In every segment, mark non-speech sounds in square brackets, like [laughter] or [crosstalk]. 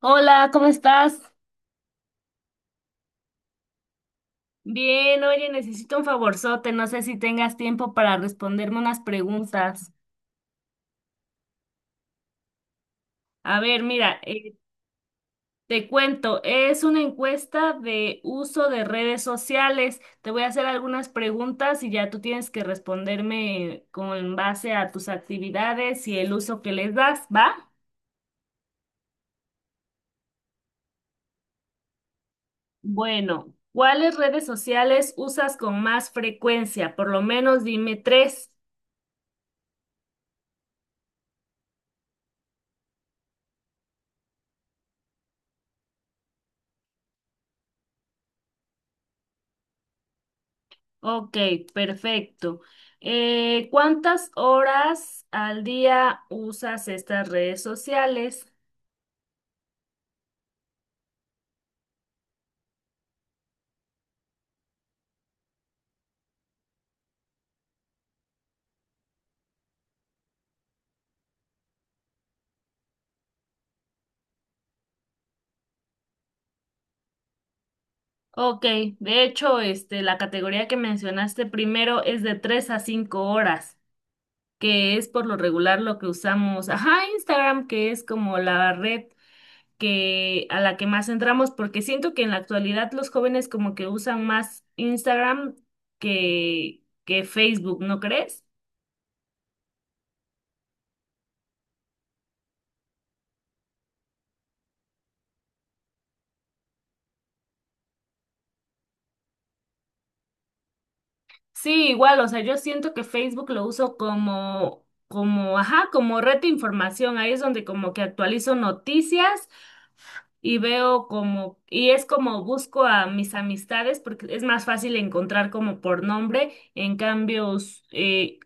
Hola, ¿cómo estás? Bien, oye, necesito un favorzote, no sé si tengas tiempo para responderme unas preguntas. A ver, mira, te cuento, es una encuesta de uso de redes sociales. Te voy a hacer algunas preguntas y ya tú tienes que responderme con base a tus actividades y el uso que les das, ¿va? Bueno, ¿cuáles redes sociales usas con más frecuencia? Por lo menos dime tres. Ok, perfecto. ¿Cuántas horas al día usas estas redes sociales? Ok, de hecho, este, la categoría que mencionaste primero es de 3 a 5 horas, que es por lo regular lo que usamos. Ajá, Instagram, que es como la red que, a la que más entramos, porque siento que en la actualidad los jóvenes como que usan más Instagram que Facebook, ¿no crees? Sí, igual, o sea, yo siento que Facebook lo uso como, como, ajá, como red de información. Ahí es donde como que actualizo noticias y veo como, y es como busco a mis amistades porque es más fácil encontrar como por nombre. En cambio,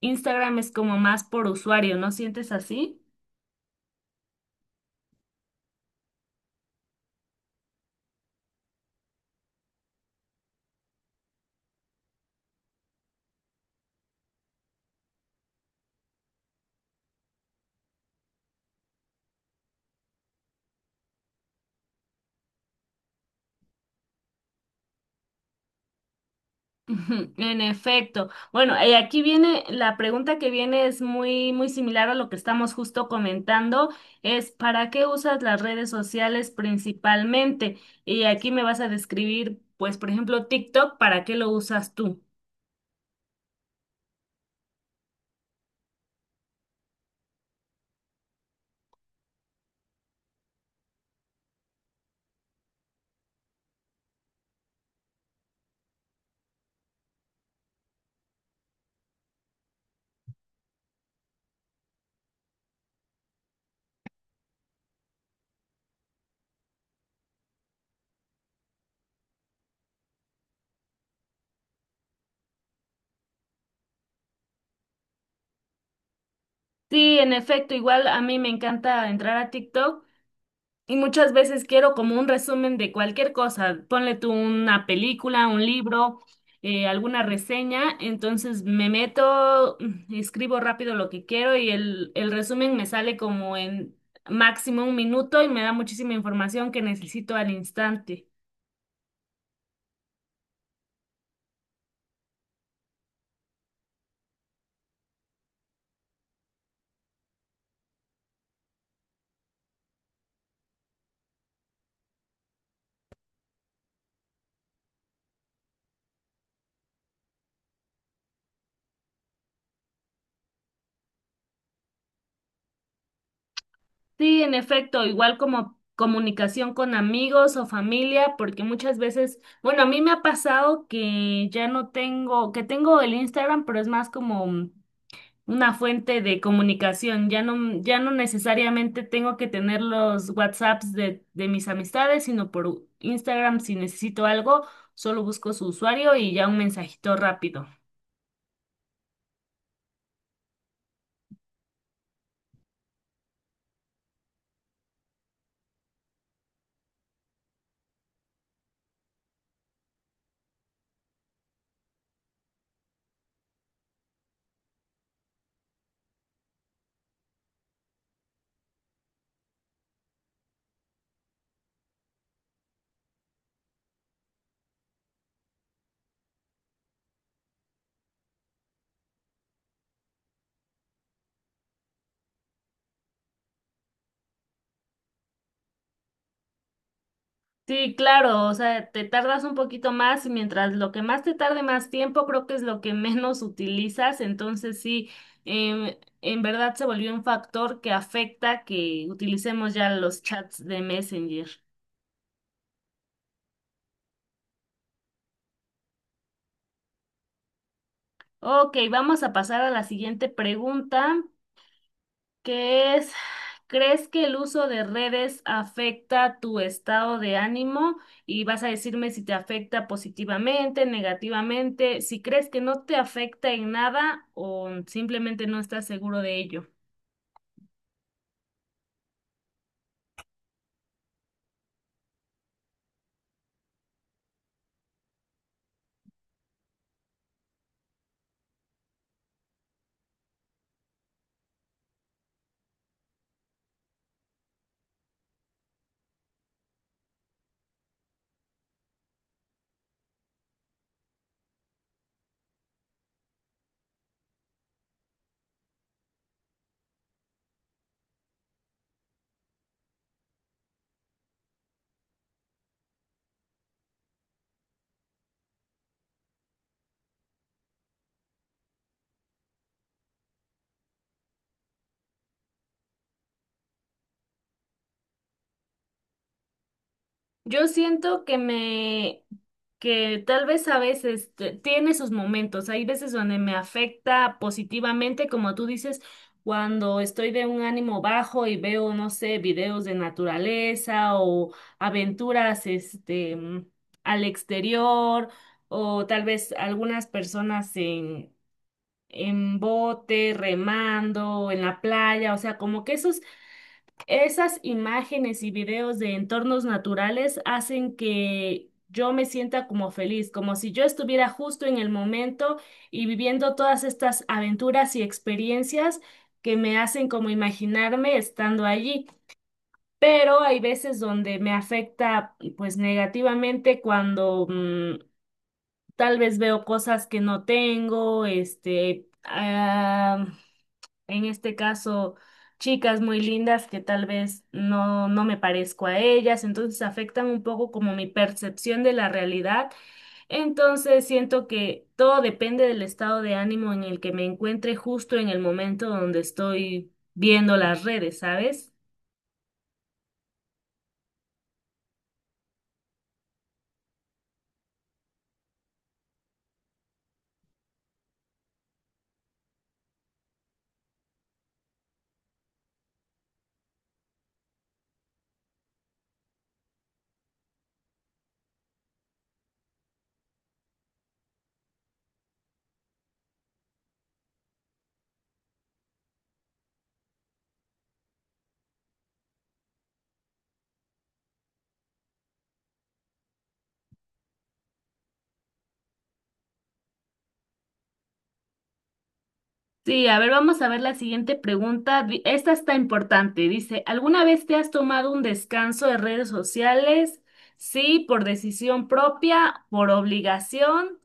Instagram es como más por usuario, ¿no sientes así? Ujú, en efecto. Bueno, aquí viene, la pregunta que viene es muy, muy similar a lo que estamos justo comentando, es ¿para qué usas las redes sociales principalmente? Y aquí me vas a describir, pues, por ejemplo, TikTok, ¿para qué lo usas tú? Sí, en efecto, igual a mí me encanta entrar a TikTok y muchas veces quiero como un resumen de cualquier cosa. Ponle tú una película, un libro, alguna reseña. Entonces me meto, escribo rápido lo que quiero y el resumen me sale como en máximo un minuto y me da muchísima información que necesito al instante. Sí, en efecto, igual como comunicación con amigos o familia, porque muchas veces, bueno, a mí me ha pasado que ya no tengo, que tengo el Instagram, pero es más como... mm, una fuente de comunicación. Ya no, ya no necesariamente tengo que tener los WhatsApps de mis amistades, sino por Instagram si necesito algo, solo busco su usuario y ya un mensajito rápido. Sí, claro, o sea, te tardas un poquito más, mientras lo que más te tarde más tiempo, creo que es lo que [laughs] menos utilizas, entonces sí, en verdad se volvió un factor que afecta que utilicemos ya los chats de Messenger. Ok, vamos a pasar a la siguiente pregunta. que es, ¿Crees que el uso de redes afecta tu estado de ánimo? Y vas a decirme si te afecta positivamente, negativamente, si crees que no te afecta en nada o simplemente no estás seguro de ello. Yo siento que me, que tal vez a veces tiene sus momentos. Hay veces donde me afecta positivamente, como tú dices, cuando estoy de un ánimo bajo y veo, no sé, videos de naturaleza o aventuras, al exterior, o tal vez algunas personas en bote, remando, en la playa, o sea, como que esos, esas imágenes y videos de entornos naturales hacen que yo me sienta como feliz, como si yo estuviera justo en el momento y viviendo todas estas aventuras y experiencias que me hacen como imaginarme estando allí. Pero hay veces donde me afecta pues negativamente cuando tal vez veo cosas que no tengo, en este caso, chicas muy lindas que tal vez no me parezco a ellas, entonces afectan un poco como mi percepción de la realidad. Entonces siento que todo depende del estado de ánimo en el que me encuentre justo en el momento donde estoy viendo las redes, ¿sabes? Sí, a ver, vamos a ver la siguiente pregunta. Esta está importante. Dice, ¿alguna vez te has tomado un descanso de redes sociales? Sí, por decisión propia, por obligación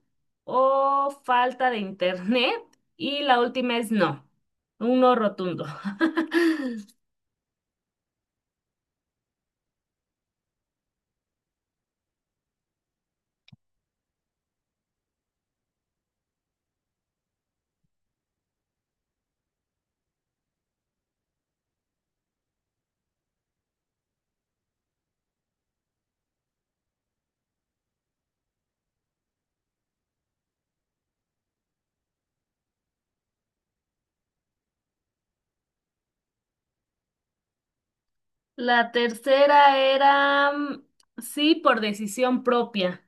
o falta de internet. Y la última es no, un no rotundo. [laughs] La tercera era sí, por decisión propia.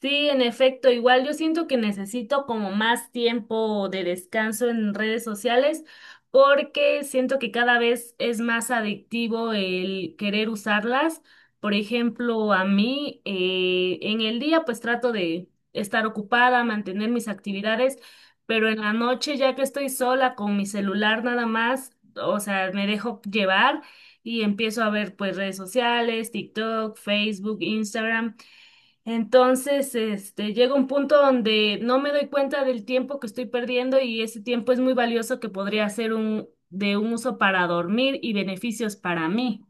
Sí, en efecto, igual yo siento que necesito como más tiempo de descanso en redes sociales porque siento que cada vez es más adictivo el querer usarlas. Por ejemplo, a mí en el día pues trato de estar ocupada, mantener mis actividades, pero en la noche ya que estoy sola con mi celular nada más, o sea, me dejo llevar y empiezo a ver pues redes sociales, TikTok, Facebook, Instagram. Entonces, este, llega un punto donde no me doy cuenta del tiempo que estoy perdiendo y ese tiempo es muy valioso que podría ser un, de un uso para dormir y beneficios para mí.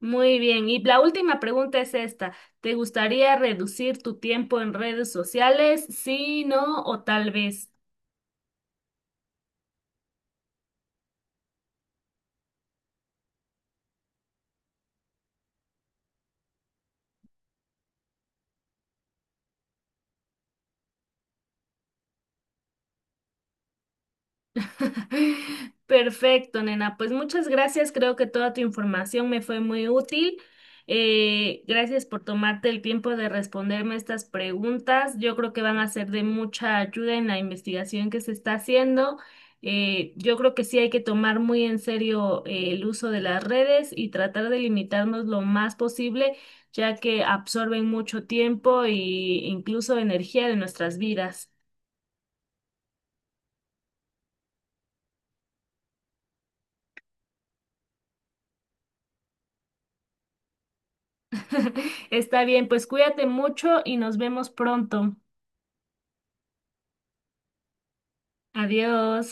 Muy bien, y la última pregunta es esta. ¿Te gustaría reducir tu tiempo en redes sociales? Sí, no, o tal vez. [laughs] Perfecto, nena. Pues muchas gracias. Creo que toda tu información me fue muy útil. Gracias por tomarte el tiempo de responderme estas preguntas. Yo creo que van a ser de mucha ayuda en la investigación que se está haciendo. Yo creo que sí hay que tomar muy en serio el uso de las redes y tratar de limitarnos lo más posible, ya que absorben mucho tiempo e incluso energía de nuestras vidas. [laughs] Está bien, pues cuídate mucho y nos vemos pronto. Adiós.